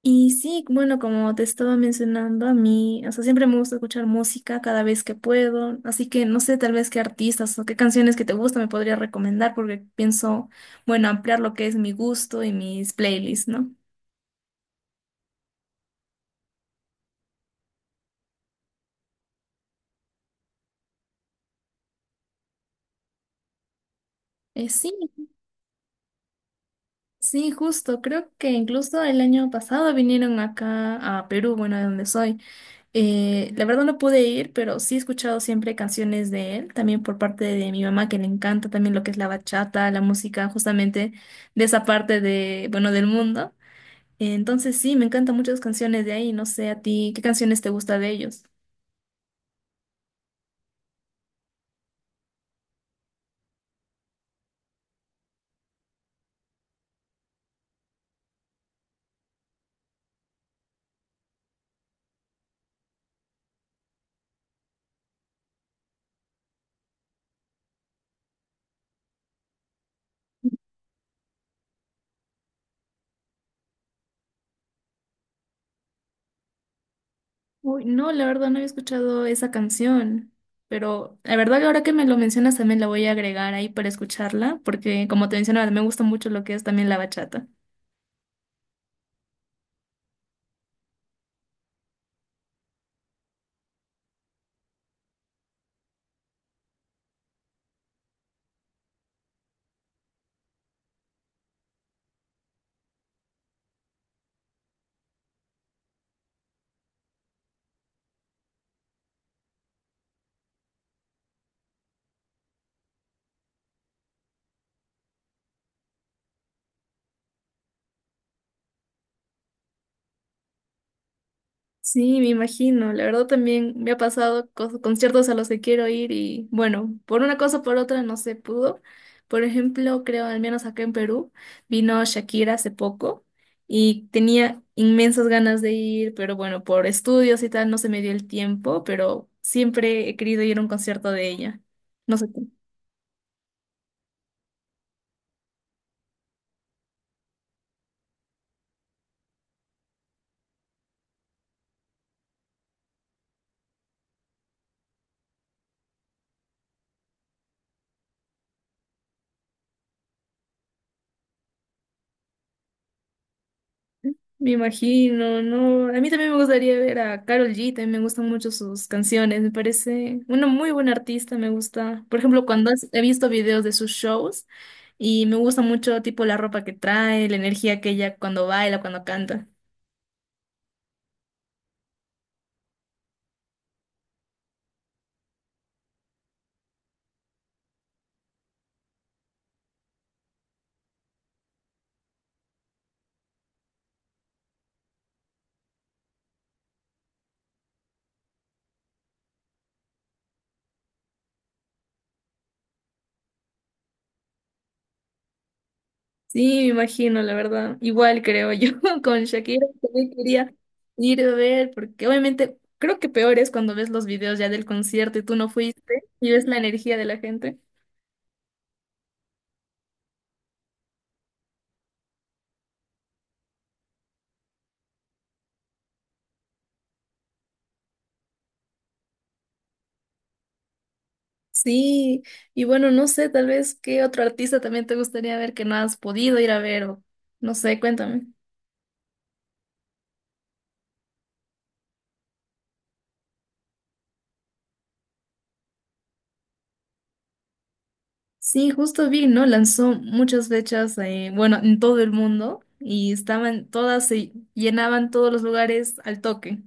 Y sí, bueno, como te estaba mencionando, a mí, o sea, siempre me gusta escuchar música cada vez que puedo, así que no sé tal vez qué artistas o qué canciones que te gustan me podría recomendar porque pienso, bueno, ampliar lo que es mi gusto y mis playlists, ¿no? Sí, sí, justo, creo que incluso el año pasado vinieron acá a Perú, bueno, de donde soy. La verdad no pude ir, pero sí he escuchado siempre canciones de él, también por parte de mi mamá, que le encanta también lo que es la bachata, la música justamente de esa parte de, bueno, del mundo. Entonces sí, me encantan muchas canciones de ahí. No sé a ti, ¿qué canciones te gusta de ellos? Uy, no, la verdad no había escuchado esa canción, pero la verdad que ahora que me lo mencionas también la voy a agregar ahí para escucharla, porque como te mencionaba, me gusta mucho lo que es también la bachata. Sí, me imagino. La verdad también me ha pasado conciertos a los que quiero ir y bueno, por una cosa o por otra no se pudo. Por ejemplo, creo, al menos acá en Perú, vino Shakira hace poco y tenía inmensas ganas de ir, pero bueno, por estudios y tal no se me dio el tiempo, pero siempre he querido ir a un concierto de ella. No sé. Me imagino, no. A mí también me gustaría ver a Karol G, también me gustan mucho sus canciones, me parece una muy buena artista, me gusta. Por ejemplo, cuando he visto videos de sus shows y me gusta mucho tipo la ropa que trae, la energía que ella cuando baila, cuando canta. Sí, me imagino, la verdad. Igual creo yo con Shakira también quería ir a ver, porque obviamente creo que peor es cuando ves los videos ya del concierto y tú no fuiste y ves la energía de la gente. Sí, y bueno, no sé, tal vez qué otro artista también te gustaría ver que no has podido ir a ver o no sé, cuéntame. Sí, justo vi, ¿no? Lanzó muchas fechas, bueno, en todo el mundo y estaban todas, se llenaban todos los lugares al toque.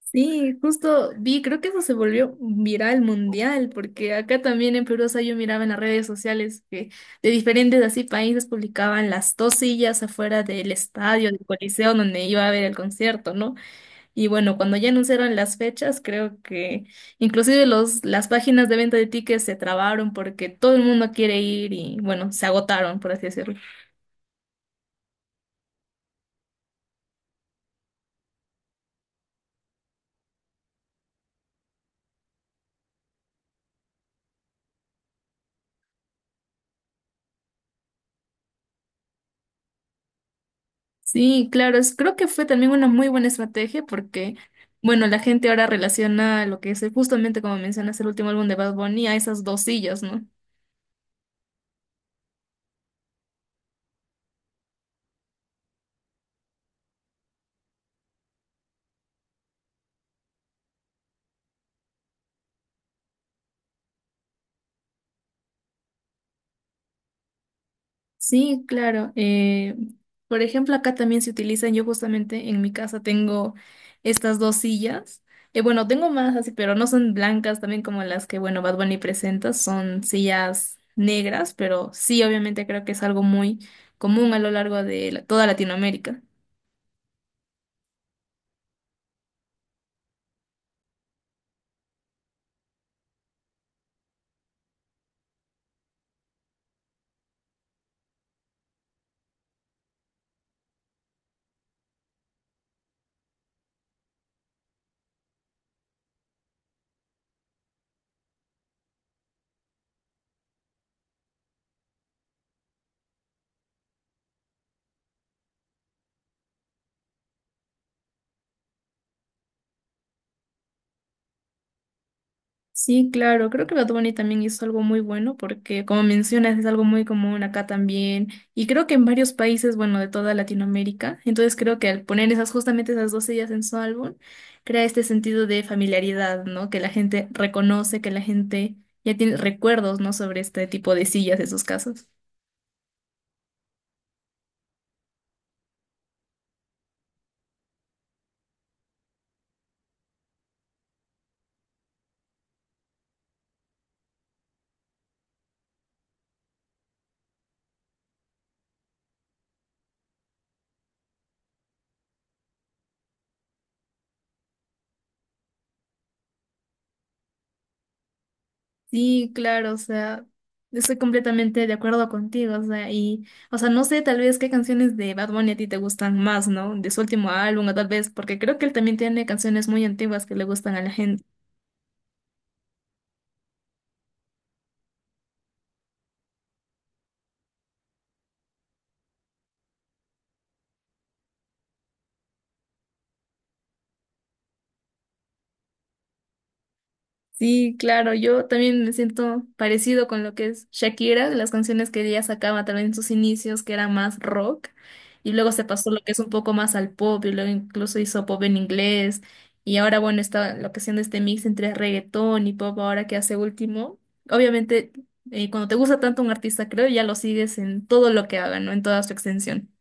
Sí, justo vi, creo que eso se volvió viral mundial, porque acá también en Perú, o sea, yo miraba en las redes sociales que de diferentes así países publicaban las dos sillas afuera del estadio, del coliseo donde iba a ver el concierto, ¿no? Y bueno, cuando ya anunciaron las fechas, creo que inclusive los, las páginas de venta de tickets se trabaron porque todo el mundo quiere ir y bueno, se agotaron, por así decirlo. Sí, claro, es- creo que fue también una muy buena estrategia porque, bueno, la gente ahora relaciona lo que es justamente como mencionas el último álbum de Bad Bunny a esas dos sillas, ¿no? Sí, claro. Por ejemplo, acá también se utilizan, yo justamente en mi casa tengo estas dos sillas. Bueno, tengo más así, pero no son blancas también como las que, bueno, Bad Bunny presenta, son sillas negras, pero sí, obviamente creo que es algo muy común a lo largo de toda Latinoamérica. Sí, claro, creo que Bad Bunny también hizo algo muy bueno porque, como mencionas, es algo muy común acá también y creo que en varios países, bueno, de toda Latinoamérica. Entonces creo que al poner esas justamente esas dos sillas en su álbum, crea este sentido de familiaridad, ¿no? Que la gente reconoce, que la gente ya tiene recuerdos, ¿no? Sobre este tipo de sillas, esos casos. Sí, claro, o sea, yo estoy completamente de acuerdo contigo, o sea, o sea, no sé tal vez qué canciones de Bad Bunny a ti te gustan más, ¿no? De su último álbum, o tal vez, porque creo que él también tiene canciones muy antiguas que le gustan a la gente. Sí, claro, yo también me siento parecido con lo que es Shakira, de las canciones que ella sacaba también en sus inicios, que era más rock, y luego se pasó lo que es un poco más al pop, y luego incluso hizo pop en inglés, y ahora bueno, está lo que haciendo este mix entre reggaetón y pop ahora que hace último. Obviamente, cuando te gusta tanto un artista, creo, ya lo sigues en todo lo que haga, ¿no? En toda su extensión.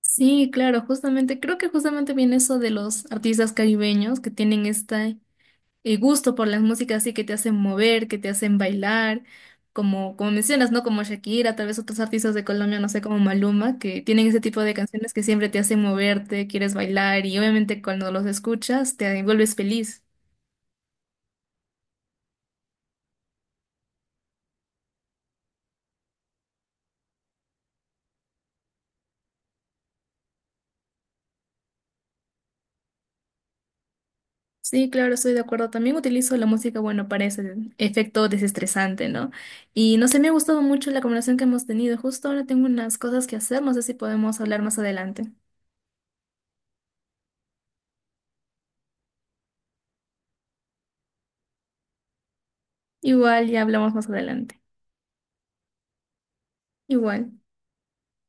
Sí, claro, justamente, creo que justamente viene eso de los artistas caribeños que tienen esta gusto por las músicas así que te hacen mover, que te hacen bailar, como mencionas, ¿no? Como Shakira, tal vez otros artistas de Colombia, no sé, como Maluma, que tienen ese tipo de canciones que siempre te hacen moverte, quieres bailar y obviamente cuando los escuchas te vuelves feliz. Sí, claro, estoy de acuerdo. También utilizo la música, bueno, para ese efecto desestresante, ¿no? Y no sé, me ha gustado mucho la conversación que hemos tenido. Justo ahora tengo unas cosas que hacer, no sé si podemos hablar más adelante. Igual, ya hablamos más adelante. Igual.